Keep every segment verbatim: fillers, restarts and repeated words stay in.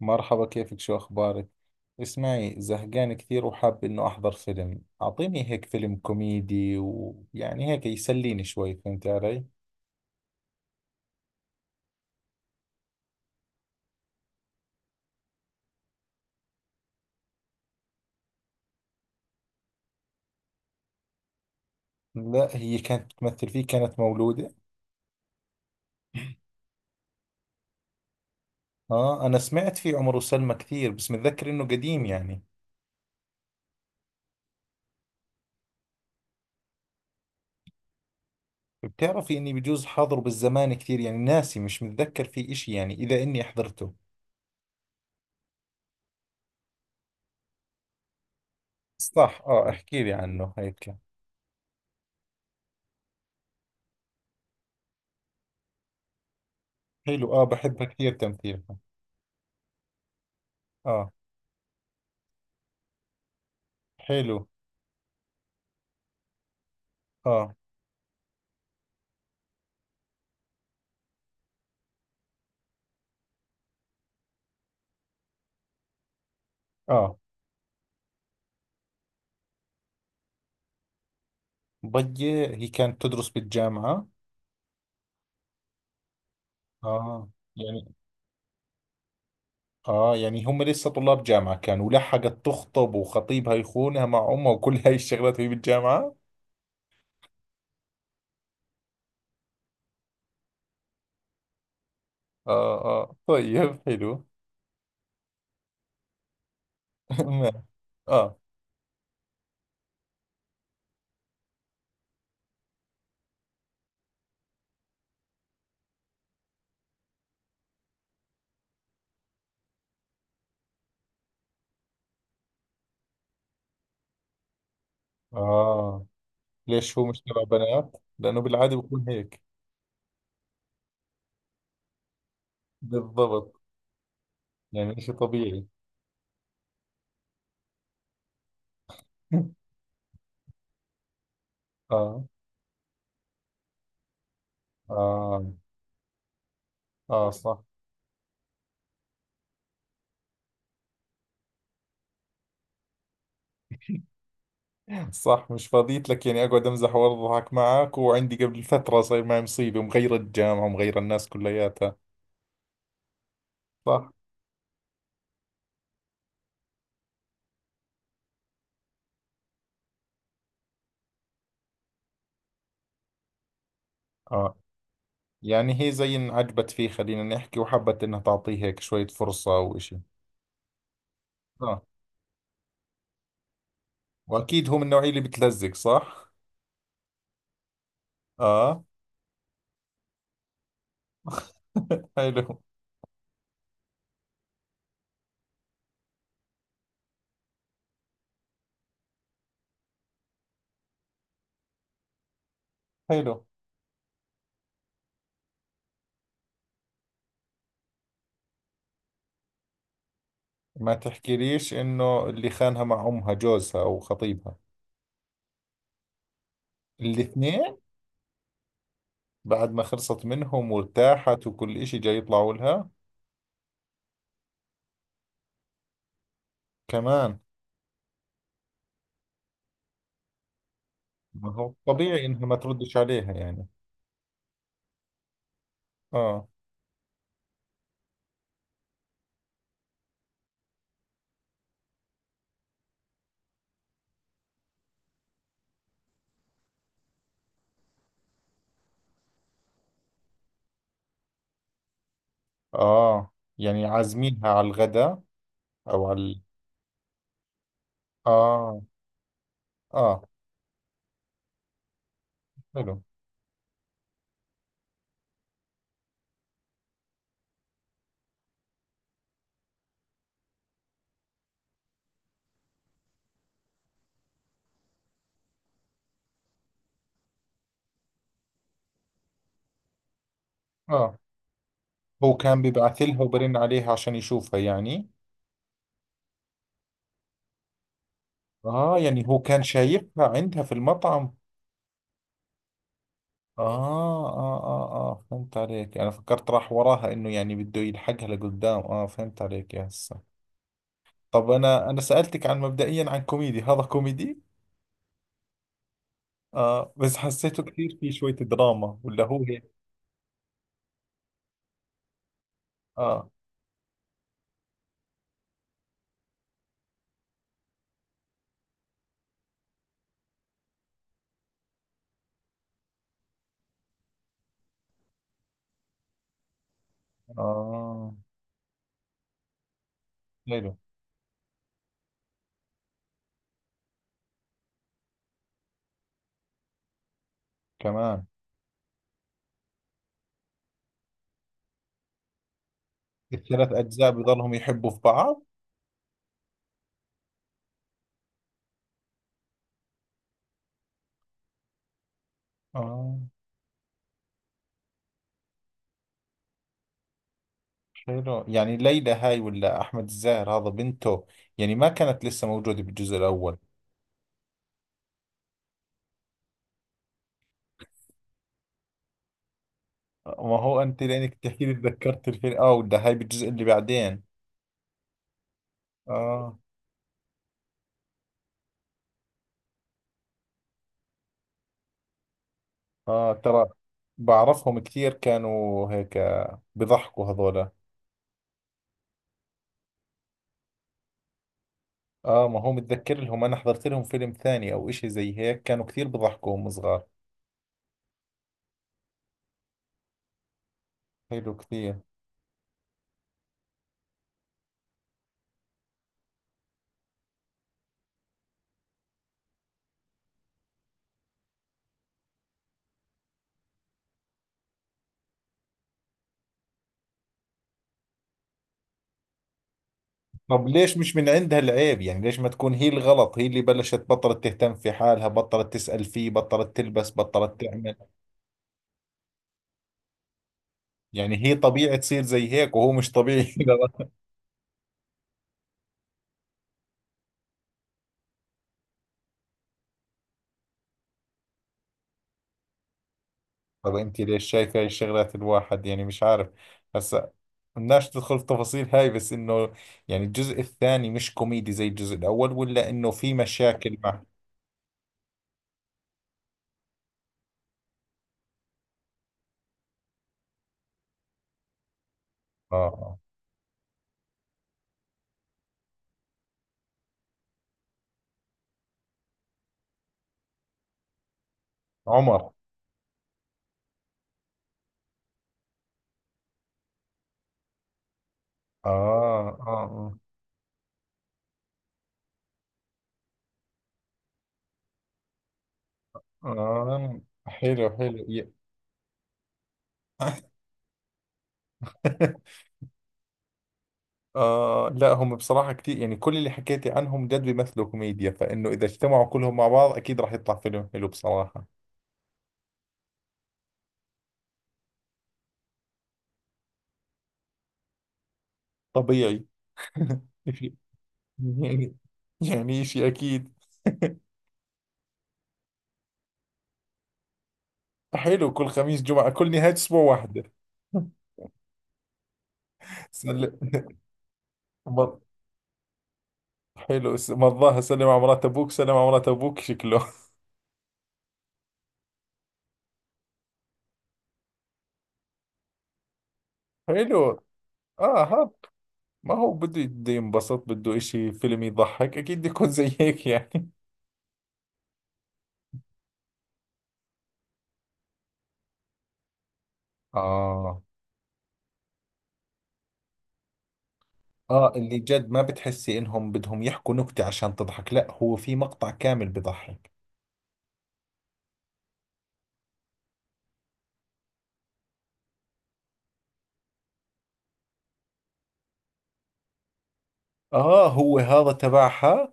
مرحبا، كيفك؟ شو أخبارك؟ اسمعي، زهقان كثير وحاب إنه أحضر فيلم. أعطيني هيك فيلم كوميدي، ويعني هيك يسليني شوي. فهمت علي؟ لا، هي كانت تمثل فيه، كانت مولودة. آه، أنا سمعت فيه عمر وسلمى كثير، بس متذكر إنه قديم يعني. بتعرفي إني بجوز حاضره بالزمان؟ كثير يعني ناسي، مش متذكر فيه إشي يعني، إذا إني حضرته. صح، آه، احكي لي عنه هيك. حلو، آه، بحبها كثير تمثيلها. آه. حلو. آه. آه. ضية هي كانت تدرس بالجامعة. اه يعني. اه يعني هم لسه طلاب جامعة كانوا، ولحقت تخطب، وخطيبها يخونها مع امها وكل هاي الشغلات وهي بالجامعة. اه، اه، طيب، حلو. ما- اه، اه. ليش هو مش تبع بنات؟ لأنه بالعادة بكون هيك. بالضبط، يعني شيء طبيعي. اه، اه، اه، صح. صح، مش فاضيت لك يعني اقعد امزح واضحك معك، وعندي قبل فترة صاير معي مصيبة ومغيرة الجامعة ومغيرة الناس كلياتها. صح. اه، يعني هي زي ان عجبت فيه، خلينا نحكي، وحبت انها تعطيه هيك شوية فرصة او اشي. صح، واكيد هو من النوعية اللي بتلزق، صح. اه. حلو، حلو. ما تحكيليش انه اللي خانها مع امها جوزها او خطيبها. الاثنين. بعد ما خلصت منهم وارتاحت وكل اشي جاي يطلعوا لها. كمان. ما هو طبيعي انها ما تردش عليها يعني. اه، اه. يعني عازمينها على الغداء او على ال- اه، اه، حلو. اه، هو كان بيبعث لها وبرن عليها عشان يشوفها يعني. اه، يعني هو كان شايفها عندها في المطعم. اه، اه، اه، اه، فهمت عليك. انا فكرت راح وراها انه يعني بده يلحقها لقدام. اه فهمت عليك يا هسه. طب انا انا سألتك عن مبدئيا عن كوميدي. هذا كوميدي؟ اه، بس حسيته كثير في شوية دراما، ولا هو هيك؟ اه، اه، حلو. كمان. الثلاث اجزاء بضلهم يحبوا في بعض؟ اه، حلو. يعني ليلى هاي ولا أحمد الزاهر هذا بنته؟ يعني ما كانت لسه موجودة بالجزء الأول. ما هو أنت لأنك تحكي لي تذكرت الفيلم. آه، ولا هاي بالجزء اللي بعدين؟ آه. آه، ترى بعرفهم كثير، كانوا هيك بضحكوا هذولا. آه، ما هو متذكر لهم، أنا حضرت لهم فيلم ثاني أو إشي زي هيك. كانوا كثير بضحكوا هم صغار. حلو كثير. طب ليش مش من عندها العيب يعني؟ ليش ما تكون هي الغلط، هي اللي بلشت بطلت تهتم في حالها، بطلت تسأل فيه، بطلت تلبس، بطلت تعمل. يعني هي طبيعي تصير زي هيك، وهو مش طبيعي كذا؟ طب انت ليش شايف هاي الشغلات؟ الواحد يعني مش عارف. هسا بدناش تدخل في تفاصيل هاي، بس انه يعني الجزء الثاني مش كوميدي زي الجزء الاول، ولا انه في مشاكل مع. اه، آه. عمر. اه، اه، اه، آه. حلو، حلو، ي- آه، لا، هم بصراحة كتير، يعني كل اللي حكيتي عنهم جد بيمثلوا كوميديا، فإنه إذا اجتمعوا كلهم مع بعض أكيد راح يطلع فيلم حلو بصراحة. طبيعي. يعني يعني شيء أكيد. حلو، كل خميس جمعة، كل نهاية أسبوع واحدة. سل... مر- حلو، س- مرضاها. سلم على مرات أبوك، سلم على مرات أبوك شكله. حلو. آه، هذا. ما هو بده بده ينبسط، بده إشي فيلم يضحك، أكيد بده يكون زي هيك يعني. آه، آه، اللي جد ما بتحسي إنهم بدهم يحكوا نكتة عشان تضحك، لا هو في مقطع كامل بضحك. آه، هو هذا تبعها.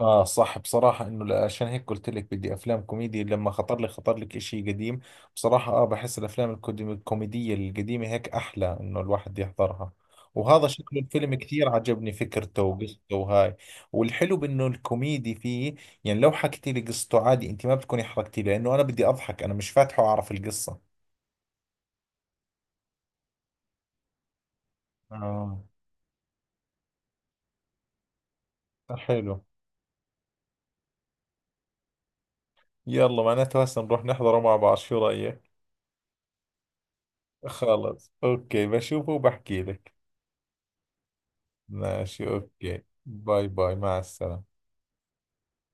اه، صح، بصراحة انه لا- عشان هيك قلت لك بدي افلام كوميدي. لما خطر لي خطر لك اشي قديم بصراحة. اه، بحس الافلام الكودي- الكوميدية القديمة هيك احلى انه الواحد يحضرها. وهذا شكله الفيلم كثير عجبني فكرته وقصته وهاي، والحلو بانه الكوميدي فيه. يعني لو حكيتي لي قصته عادي، انت ما بتكوني حرقتي لي، لانه انا بدي اضحك، انا مش فاتحه اعرف القصة. اه، حلو. يلا معناته هسه نروح نحضره مع بعض، شو رأيك؟ خلص، اوكي، بشوفه وبحكي لك. ماشي، اوكي، باي باي، مع السلامة.